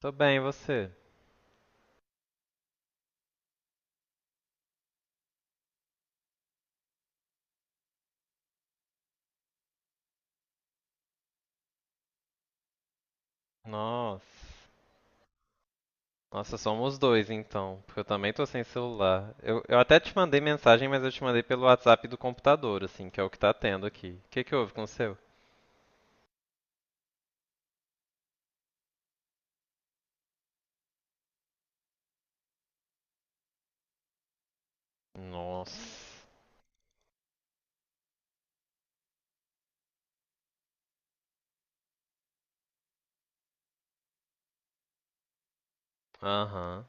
Tô bem, e você? Nossa. Nossa, somos dois então, porque eu também tô sem celular. Eu até te mandei mensagem, mas eu te mandei pelo WhatsApp do computador, assim, que é o que tá tendo aqui. O que que houve com o seu? Nossa. Aham.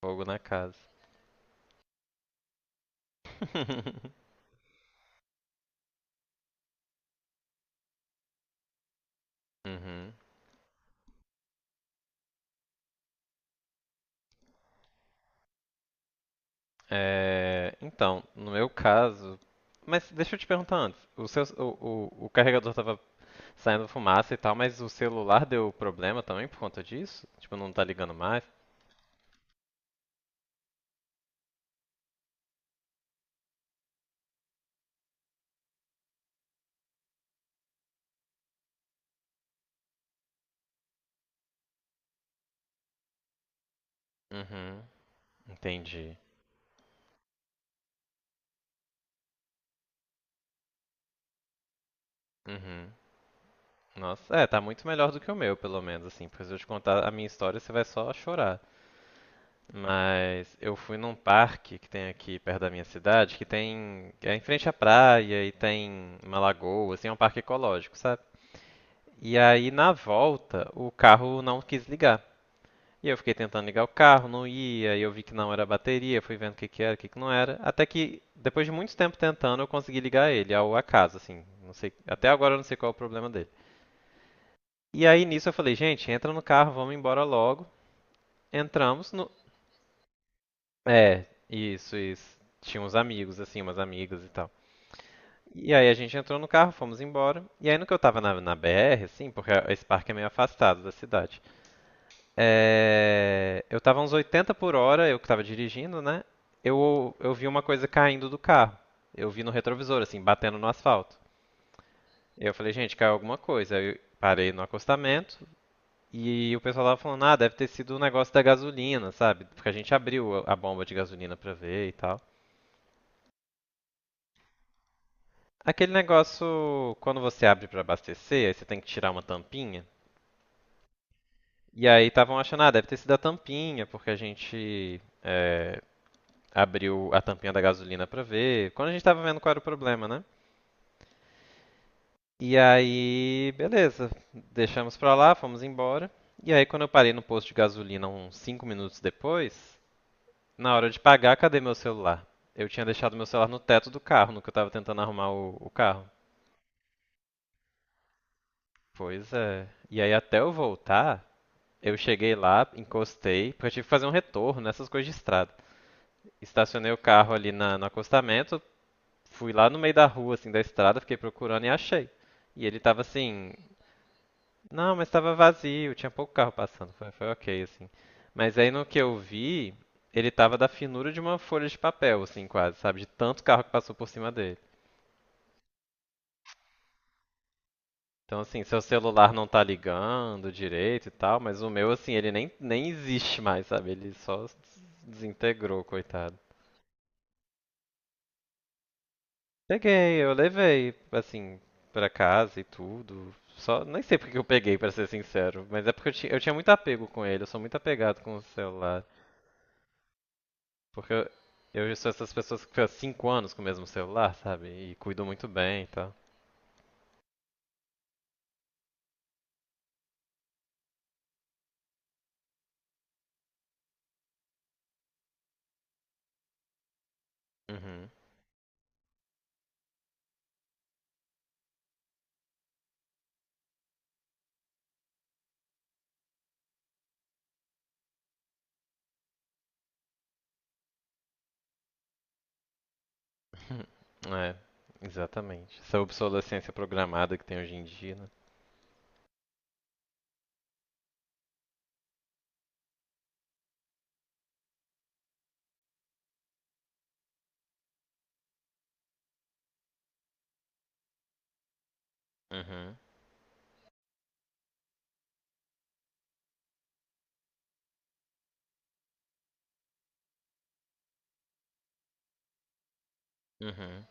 Fogo na casa. Uhum. É, então, no meu caso. Mas deixa eu te perguntar antes. O seu, o carregador tava saindo fumaça e tal, mas o celular deu problema também por conta disso? Tipo, não tá ligando mais? Uhum. Entendi. Uhum. Nossa, é, tá muito melhor do que o meu, pelo menos, assim, porque se eu te contar a minha história, você vai só chorar. Mas eu fui num parque que tem aqui perto da minha cidade, que tem, é em frente à praia e tem uma lagoa, assim, é um parque ecológico, sabe? E aí na volta, o carro não quis ligar. E eu fiquei tentando ligar o carro, não ia, e eu vi que não era bateria, fui vendo o que que era, o que que não era, até que depois de muito tempo tentando, eu consegui ligar ele ao acaso, assim, não sei, até agora eu não sei qual é o problema dele. E aí nisso eu falei, gente, entra no carro, vamos embora logo. Entramos no. É, isso, isso. Tinha uns amigos, assim, umas amigas e tal. E aí a gente entrou no carro, fomos embora. E aí no que eu tava na BR, assim, porque esse parque é meio afastado da cidade. É, eu tava uns 80 por hora, eu que tava dirigindo, né? Eu vi uma coisa caindo do carro. Eu vi no retrovisor, assim, batendo no asfalto. Eu falei, gente, caiu alguma coisa. Aí eu parei no acostamento. E o pessoal tava falando, ah, deve ter sido o negócio da gasolina, sabe? Porque a gente abriu a bomba de gasolina pra ver e tal. Aquele negócio, quando você abre pra abastecer, aí você tem que tirar uma tampinha. E aí estavam achando, ah, deve ter sido a tampinha, porque abriu a tampinha da gasolina pra ver. Quando a gente tava vendo qual era o problema, né? E aí, beleza, deixamos pra lá, fomos embora. E aí, quando eu parei no posto de gasolina uns 5 minutos depois, na hora de pagar, cadê meu celular? Eu tinha deixado meu celular no teto do carro, no que eu tava tentando arrumar o carro. Pois é. E aí, até eu voltar, eu cheguei lá, encostei, porque eu tive que fazer um retorno nessas coisas de estrada. Estacionei o carro ali no acostamento, fui lá no meio da rua, assim, da estrada, fiquei procurando e achei. E ele tava assim, não, mas tava vazio, tinha pouco carro passando. Foi ok, assim. Mas aí no que eu vi, ele tava da finura de uma folha de papel, assim, quase, sabe? De tanto carro que passou por cima dele. Então, assim, seu celular não tá ligando direito e tal, mas o meu, assim, ele nem existe mais, sabe? Ele só desintegrou, coitado. Peguei, eu levei, assim, pra casa e tudo. Só, nem sei porque que eu peguei, pra ser sincero, mas é porque eu tinha muito apego com ele, eu sou muito apegado com o celular. Porque eu sou essas pessoas que ficam 5 anos com o mesmo celular, sabe? E cuido muito bem e tal. Uhum. É, exatamente. Essa obsolescência programada que tem hoje em dia, né? Uhum. Uhum.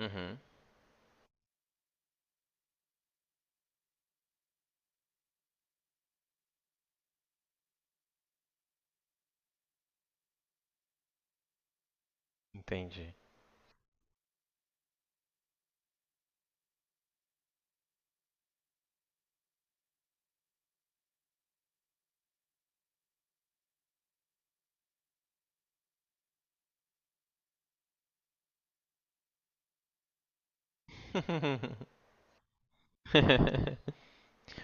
Uhum, entendi.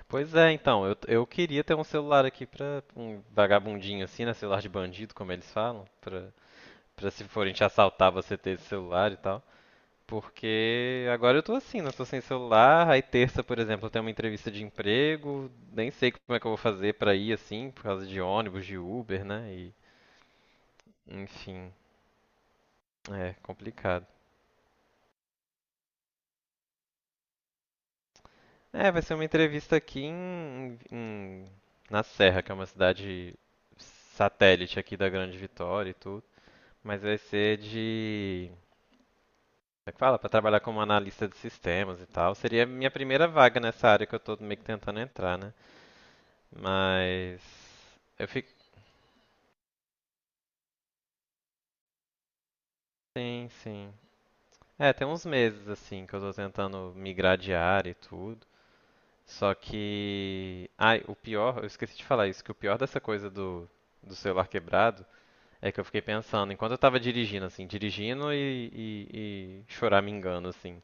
Pois é, então, eu queria ter um celular aqui pra um vagabundinho assim, né? Celular de bandido, como eles falam, pra se forem te assaltar você ter esse celular e tal. Porque agora eu tô assim, né? Tô sem celular, aí terça, por exemplo, eu tenho uma entrevista de emprego, nem sei como é que eu vou fazer pra ir assim, por causa de ônibus, de Uber, né? E, enfim, é complicado. É, vai ser uma entrevista aqui na Serra, que é uma cidade satélite aqui da Grande Vitória e tudo. Mas vai ser de. Como é que fala? Para trabalhar como analista de sistemas e tal. Seria a minha primeira vaga nessa área que eu tô meio que tentando entrar, né? Mas. Eu fico. Sim, sim. É, tem uns meses assim que eu tô tentando migrar de área e tudo. Só que. Ai, o pior, eu esqueci de falar isso, que o pior dessa coisa do, do celular quebrado é que eu fiquei pensando, enquanto eu tava dirigindo, assim, dirigindo e choramingando, assim.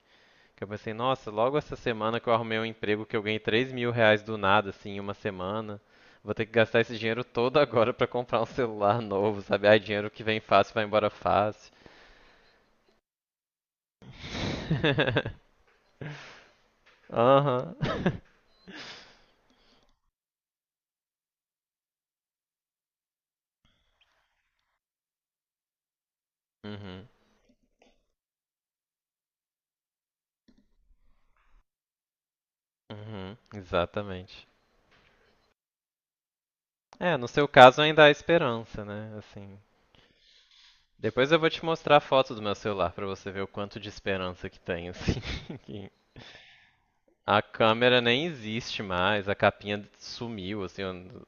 Que eu pensei, nossa, logo essa semana que eu arrumei um emprego que eu ganhei R$ 3.000 do nada, assim, em uma semana. Vou ter que gastar esse dinheiro todo agora pra comprar um celular novo, sabe? Ai, dinheiro que vem fácil vai embora fácil. Aham. Uhum. Uhum. Exatamente. É, no seu caso ainda há esperança, né? Assim, depois eu vou te mostrar a foto do meu celular pra você ver o quanto de esperança que tem, assim. A câmera nem existe mais, a capinha sumiu, assim.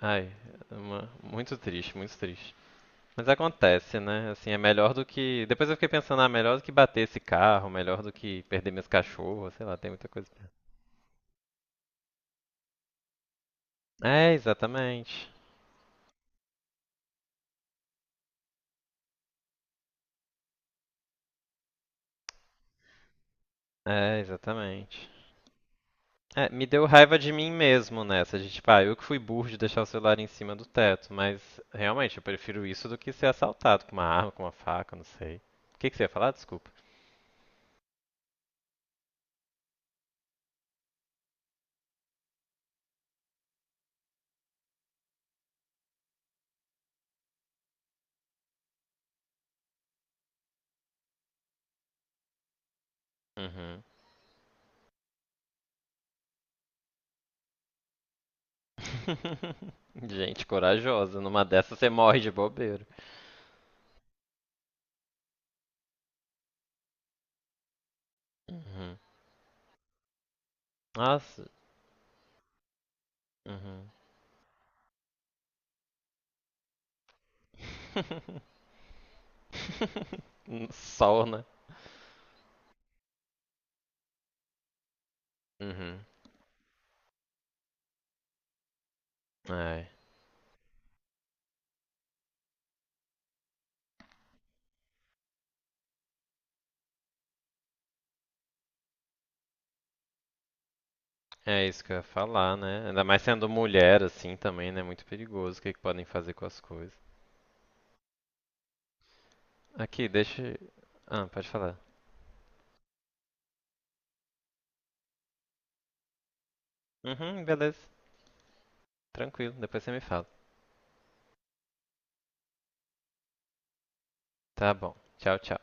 Ai, muito triste, muito triste. Mas acontece, né? Assim, é melhor do que. Depois eu fiquei pensando, ah, melhor do que bater esse carro, melhor do que perder minhas cachorras, sei lá, tem muita coisa. É, exatamente. É, exatamente. É, me deu raiva de mim mesmo nessa, de tipo, ah, eu que fui burro de deixar o celular em cima do teto, mas realmente eu prefiro isso do que ser assaltado com uma arma, com uma faca, não sei. O que que você ia falar? Desculpa. Uhum. Gente corajosa, numa dessa você morre de bobeira. Uhum. Nossa. Uhum. Sol, né? Uhum. Ai. É isso que eu ia falar, né? Ainda mais sendo mulher assim também, né? Muito perigoso o que que podem fazer com as coisas. Aqui, deixa. Ah, pode falar. Uhum, beleza, tranquilo, depois você me fala. Tá bom, tchau, tchau.